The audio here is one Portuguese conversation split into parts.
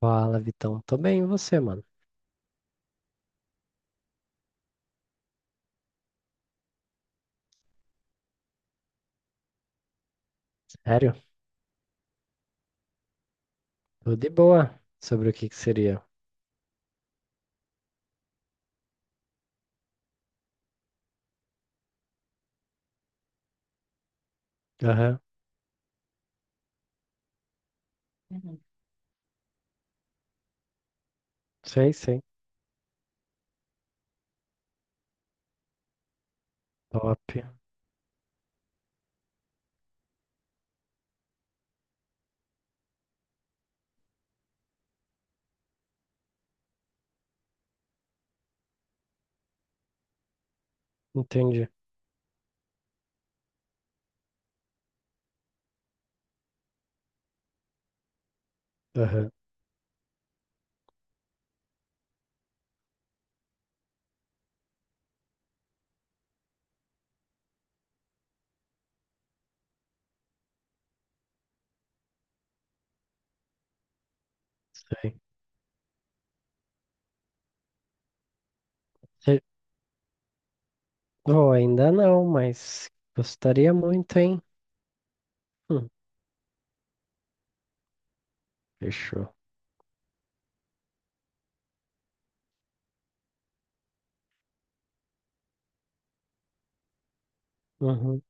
Fala, Vitão. Tô bem, e você, mano? Sério? Tô de boa. Sobre o que que seria? Aham. Uhum. Sei, sei. Top. Entendi. Aham, sei. Se- Oh, ainda não, mas gostaria muito, hein? Hum, fechou. Uhum.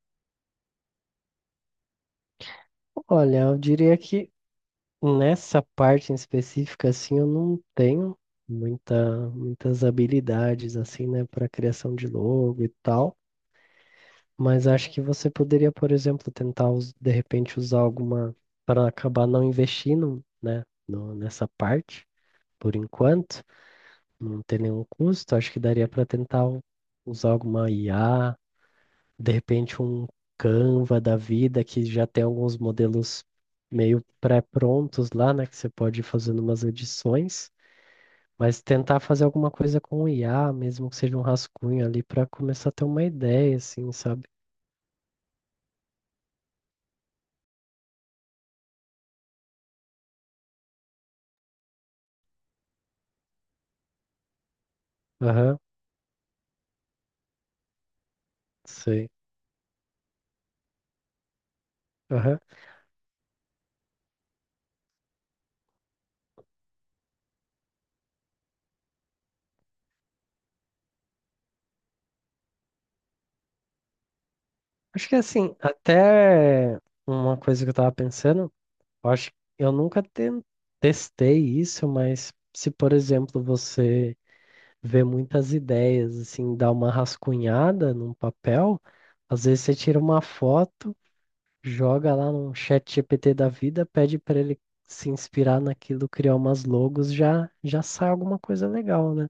Olha, eu diria que nessa parte em específica, assim, eu não tenho muitas habilidades, assim, né, para criação de logo e tal. Mas acho que você poderia, por exemplo, tentar de repente usar alguma para acabar não investindo, né, nessa parte, por enquanto, não ter nenhum custo. Acho que daria para tentar usar alguma IA, de repente um Canva da vida que já tem alguns modelos meio pré-prontos lá, né, que você pode ir fazendo umas edições, mas tentar fazer alguma coisa com o IA, mesmo que seja um rascunho ali, para começar a ter uma ideia, assim, sabe? Aham, sei. Aham. Acho que assim, até uma coisa que eu tava pensando, eu acho que eu nunca testei isso, mas se, por exemplo, você vê muitas ideias, assim, dá uma rascunhada num papel, às vezes você tira uma foto, joga lá num chat GPT da vida, pede para ele se inspirar naquilo, criar umas logos, já já sai alguma coisa legal, né?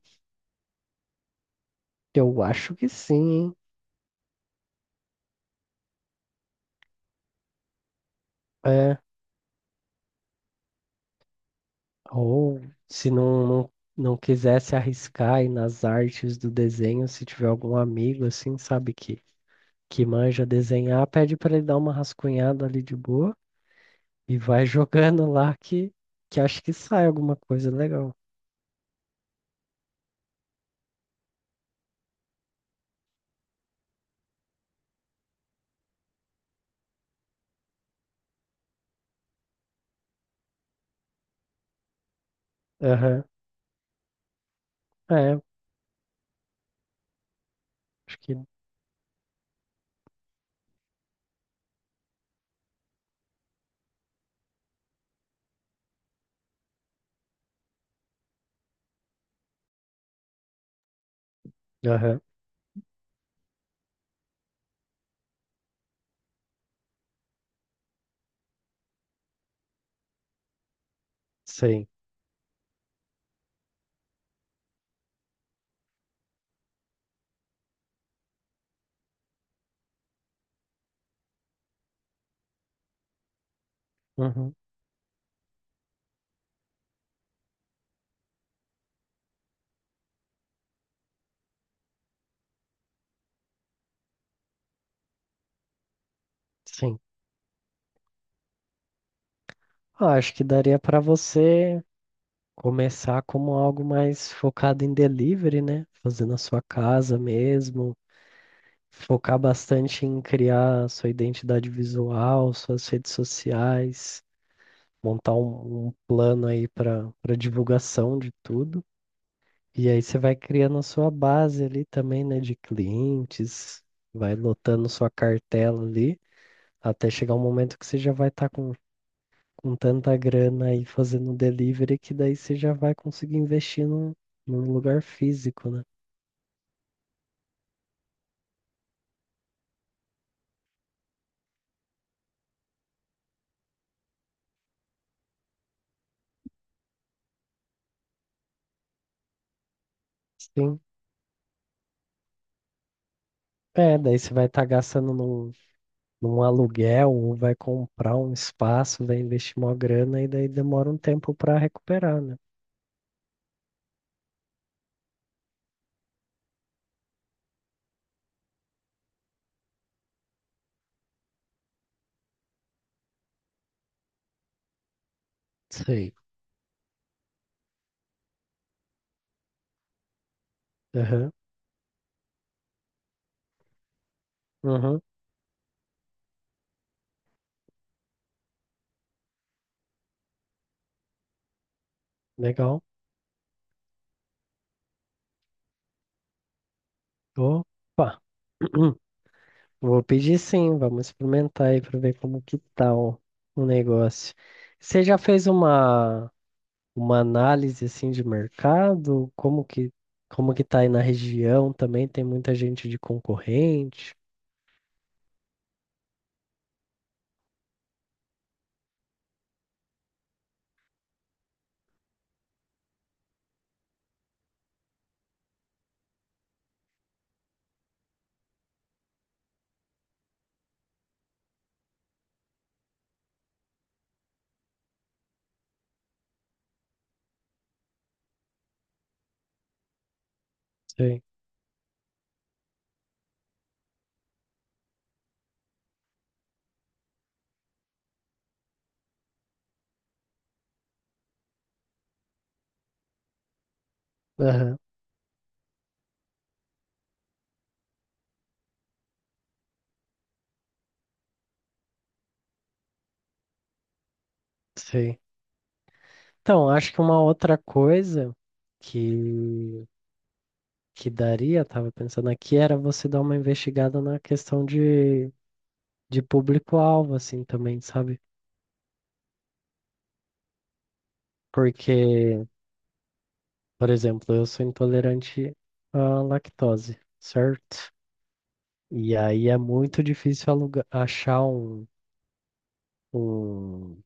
Eu acho que sim, hein? É. Ou se não quisesse arriscar aí nas artes do desenho, se tiver algum amigo assim, sabe, que manja desenhar, pede para ele dar uma rascunhada ali de boa e vai jogando lá que acho que sai alguma coisa legal. Aham, é, acho que. Aham, sim. Uhum, sim. Ah, acho que daria para você começar como algo mais focado em delivery, né? Fazendo na sua casa mesmo. Focar bastante em criar sua identidade visual, suas redes sociais, montar um plano aí para divulgação de tudo. E aí você vai criando a sua base ali também, né, de clientes, vai lotando sua cartela ali, até chegar um momento que você já vai estar com tanta grana aí fazendo delivery que daí você já vai conseguir investir num lugar físico, né? Sim. É, daí você vai estar gastando num aluguel ou vai comprar um espaço, vai investir uma grana e daí demora um tempo para recuperar, né? Sei. Aham, aham, legal. Opa, vou pedir sim, vamos experimentar aí para ver como que tá o negócio. Você já fez uma análise assim de mercado? Como que tá aí na região também? Tem muita gente de concorrente? Sei. Aham, sei. Então, acho que uma outra coisa que, que daria, tava pensando aqui, era você dar uma investigada na questão de público-alvo, assim, também, sabe? Porque, por exemplo, eu sou intolerante à lactose, certo? E aí é muito difícil alugar, achar um, um,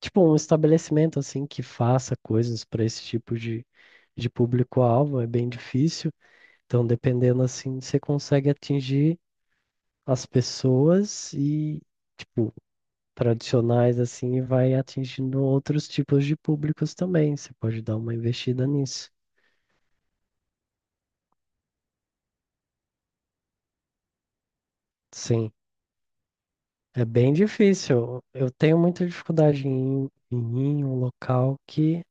tipo, um estabelecimento, assim, que faça coisas para esse tipo de público-alvo, é bem difícil. Então, dependendo, assim, você consegue atingir as pessoas e, tipo, tradicionais assim, e vai atingindo outros tipos de públicos também. Você pode dar uma investida nisso. Sim, é bem difícil. Eu tenho muita dificuldade em ir em um local que,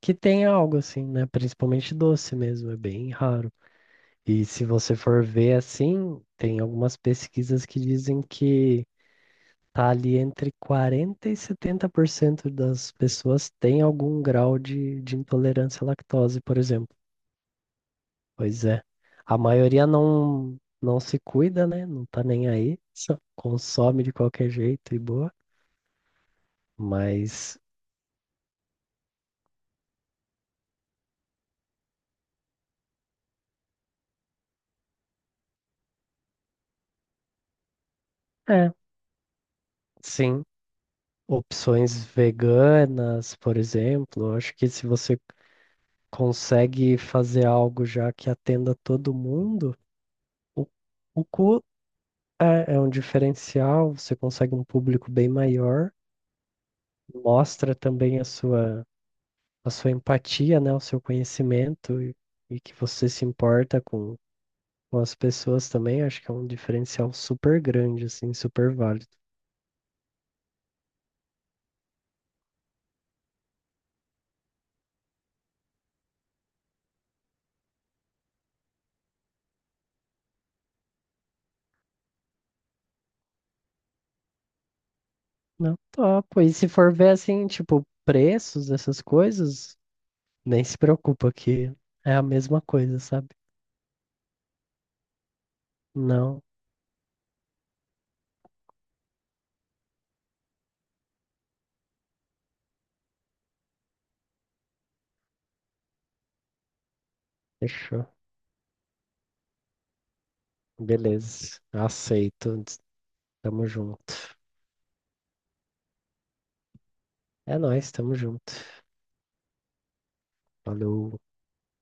que tem algo assim, né? Principalmente doce mesmo, é bem raro. E se você for ver assim, tem algumas pesquisas que dizem que tá ali entre 40 e 70% das pessoas tem algum grau de intolerância à lactose, por exemplo. Pois é. A maioria não se cuida, né? Não tá nem aí, só consome de qualquer jeito e boa. Mas, é, sim. Opções veganas, por exemplo. Eu acho que se você consegue fazer algo já que atenda todo mundo, o, o cu é um diferencial, você consegue um público bem maior, mostra também a sua empatia, né? O seu conhecimento e que você se importa com as pessoas também. Acho que é um diferencial super grande, assim, super válido. Não, topo. E se for ver, assim, tipo, preços dessas coisas, nem se preocupa que é a mesma coisa, sabe? Não, fechou. Beleza, aceito. Tamo junto. É nóis, tamo junto. Falou.